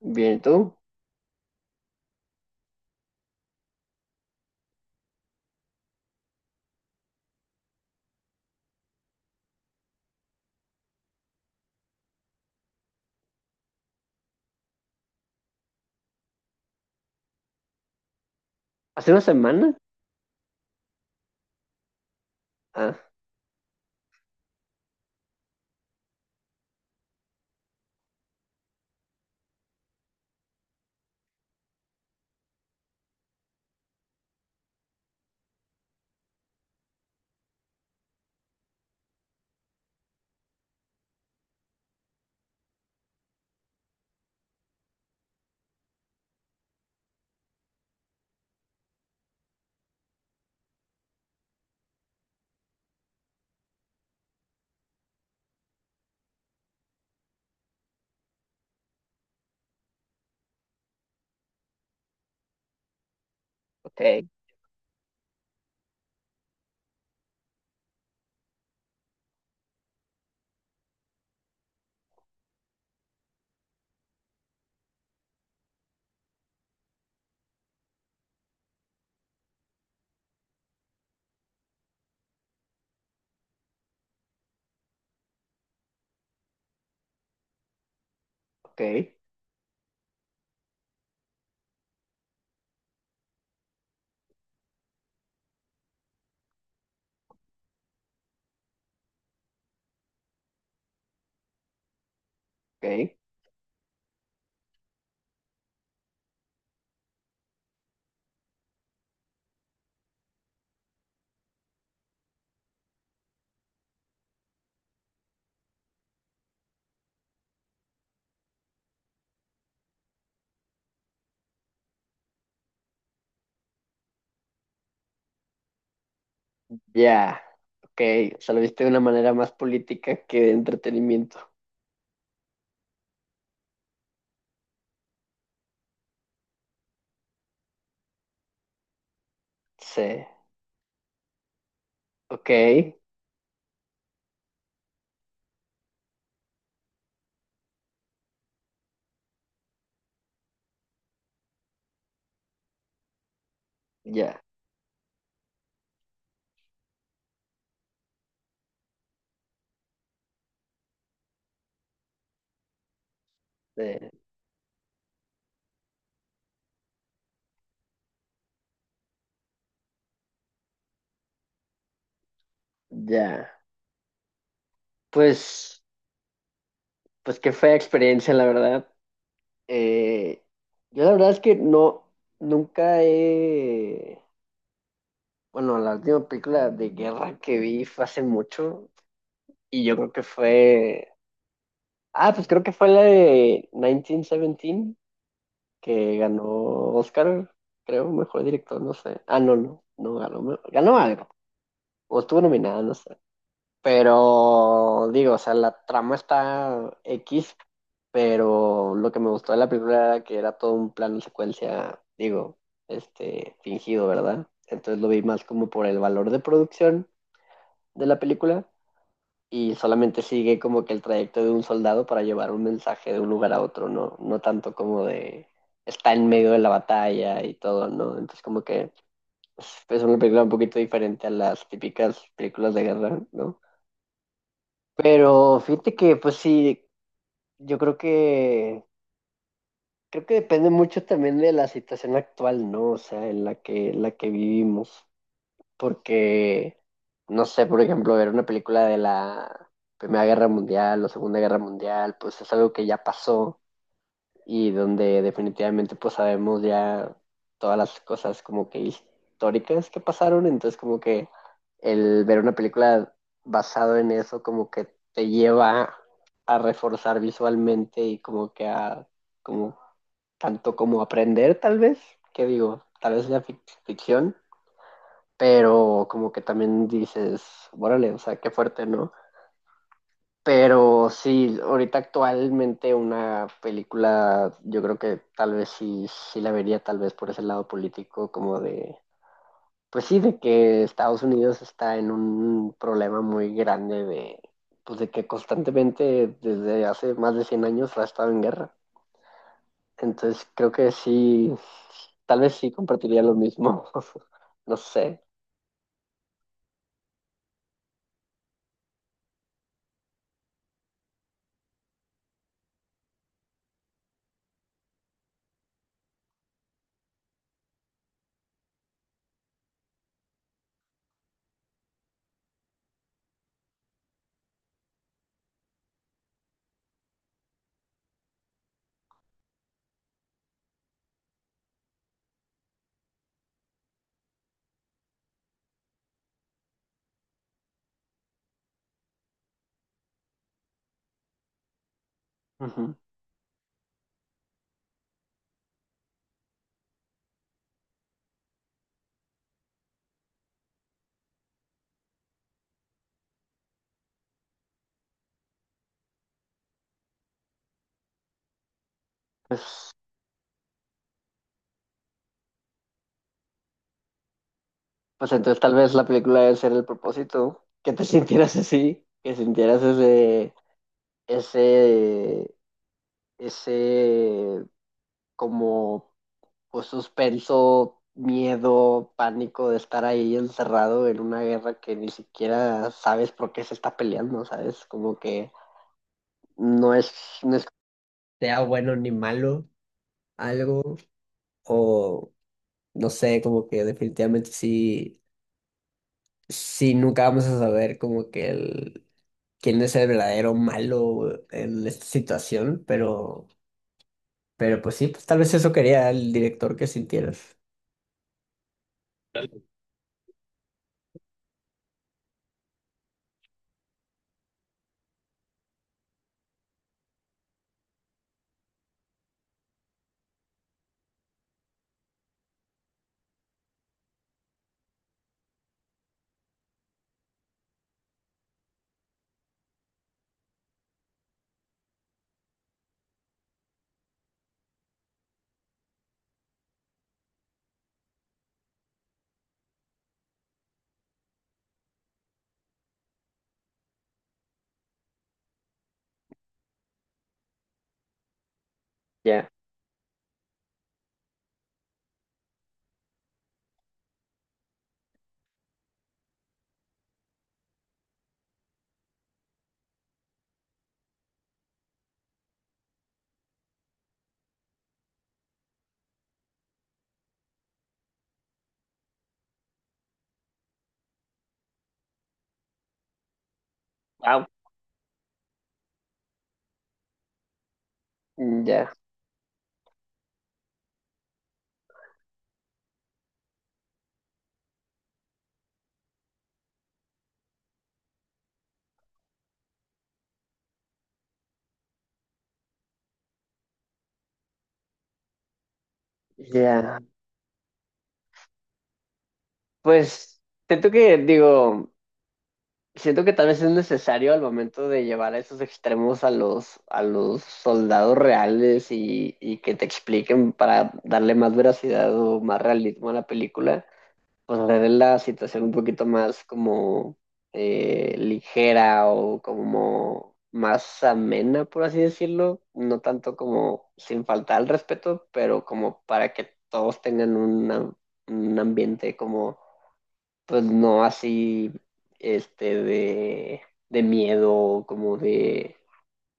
Bien, ¿y tú? ¿Hace una semana? Ah, ok, ok, ok. Ya, ok. O sea, lo viste de una manera más política que de entretenimiento. Sí, ok, ya, eh, ya. Pues, pues qué fea experiencia, la verdad. Eh, yo la verdad es que no, nunca he... Bueno, la última película de guerra que vi fue hace mucho y yo creo que fue... Ah, pues creo que fue la de 1917 que ganó Oscar, creo, mejor director, no sé. Ah, no, no, no ganó, me- ganó algo, o estuvo nominada, no sé. Pero digo, o sea, la trama está X, pero lo que me gustó de la película era que era todo un plano secuencia, digo, este, fingido, ¿verdad? Entonces lo vi más como por el valor de producción de la película y solamente sigue como que el trayecto de un soldado para llevar un mensaje de un lugar a otro, ¿no? No tanto como de está en medio de la batalla y todo, ¿no? Entonces como que es una película un poquito diferente a las típicas películas de guerra, ¿no? Pero fíjate que pues sí, yo creo que depende mucho también de la situación actual, ¿no? O sea, en la que vivimos. Porque, no sé, por ejemplo, ver una película de la Primera Guerra Mundial o Segunda Guerra Mundial, pues es algo que ya pasó y donde definitivamente pues sabemos ya todas las cosas como que históricas que pasaron, entonces como que el ver una película basado en eso como que te lleva a reforzar visualmente y como que a como tanto como aprender tal vez, que digo, tal vez la fic- ficción, pero como que también dices, órale, o sea, qué fuerte, ¿no? Pero sí, ahorita actualmente una película, yo creo que tal vez sí, sí la vería tal vez por ese lado político, como de, pues sí, de que Estados Unidos está en un problema muy grande de, pues de que constantemente desde hace más de 100 años ha estado en guerra. Entonces creo que sí, tal vez sí compartiría lo mismo, no sé. Ujú. Pues, pues entonces tal vez la película debe ser el propósito, ¿no? Que te sintieras así, que sintieras ese, ese, ese, como pues suspenso, miedo, pánico de estar ahí encerrado en una guerra que ni siquiera sabes por qué se está peleando, ¿sabes? Como que no es, no es sea bueno ni malo algo, o no sé, como que definitivamente sí. Sí, nunca vamos a saber como que el, quién es el verdadero malo en esta situación, pero pues sí, pues tal vez eso quería el director que sintieras. Ya, wow, ya, ya. Pues siento que, digo, siento que tal vez es necesario al momento de llevar a esos extremos a los soldados reales y que te expliquen para darle más veracidad o más realismo a la película. Pues le dé la situación un poquito más como ligera o como más amena, por así decirlo, no tanto como sin faltar al respeto, pero como para que todos tengan una- un ambiente como, pues no así, este, de miedo, como de,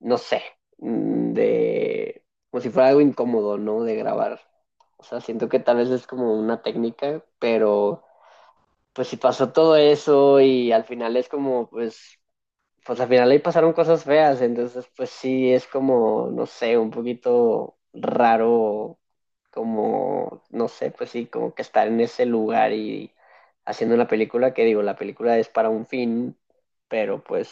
no sé, de, como si fuera algo incómodo, ¿no? De grabar. O sea, siento que tal vez es como una técnica, pero pues sí pasó todo eso y al final es como, pues, pues al final ahí pasaron cosas feas, entonces pues sí es como, no sé, un poquito raro, como, no sé, pues sí, como que estar en ese lugar y haciendo una película que digo, la película es para un fin, pero pues,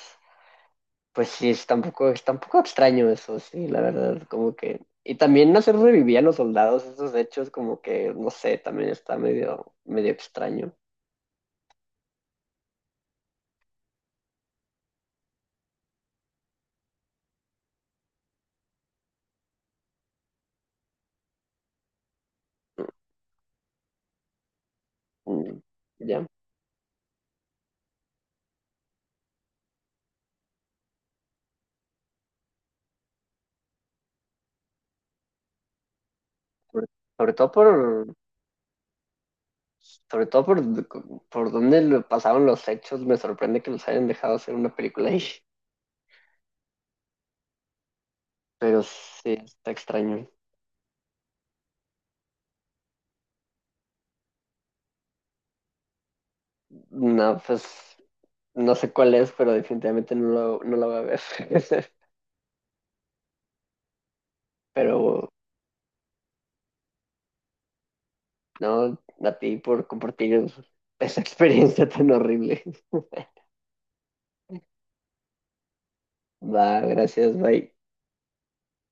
pues sí, es tampoco extraño eso, sí, la verdad, como que... Y también hacer revivir a los soldados, esos hechos como que, no sé, también está medio, medio extraño. Mm, ya. Sobre, sobre todo por, sobre todo por dónde lo pasaron los hechos, me sorprende que los hayan dejado hacer una película ahí. Pero sí, está extraño. No, pues no sé cuál es, pero definitivamente no, lo, no la voy a ver. Pero no, a ti por compartir esa experiencia tan horrible. Va, gracias, bye.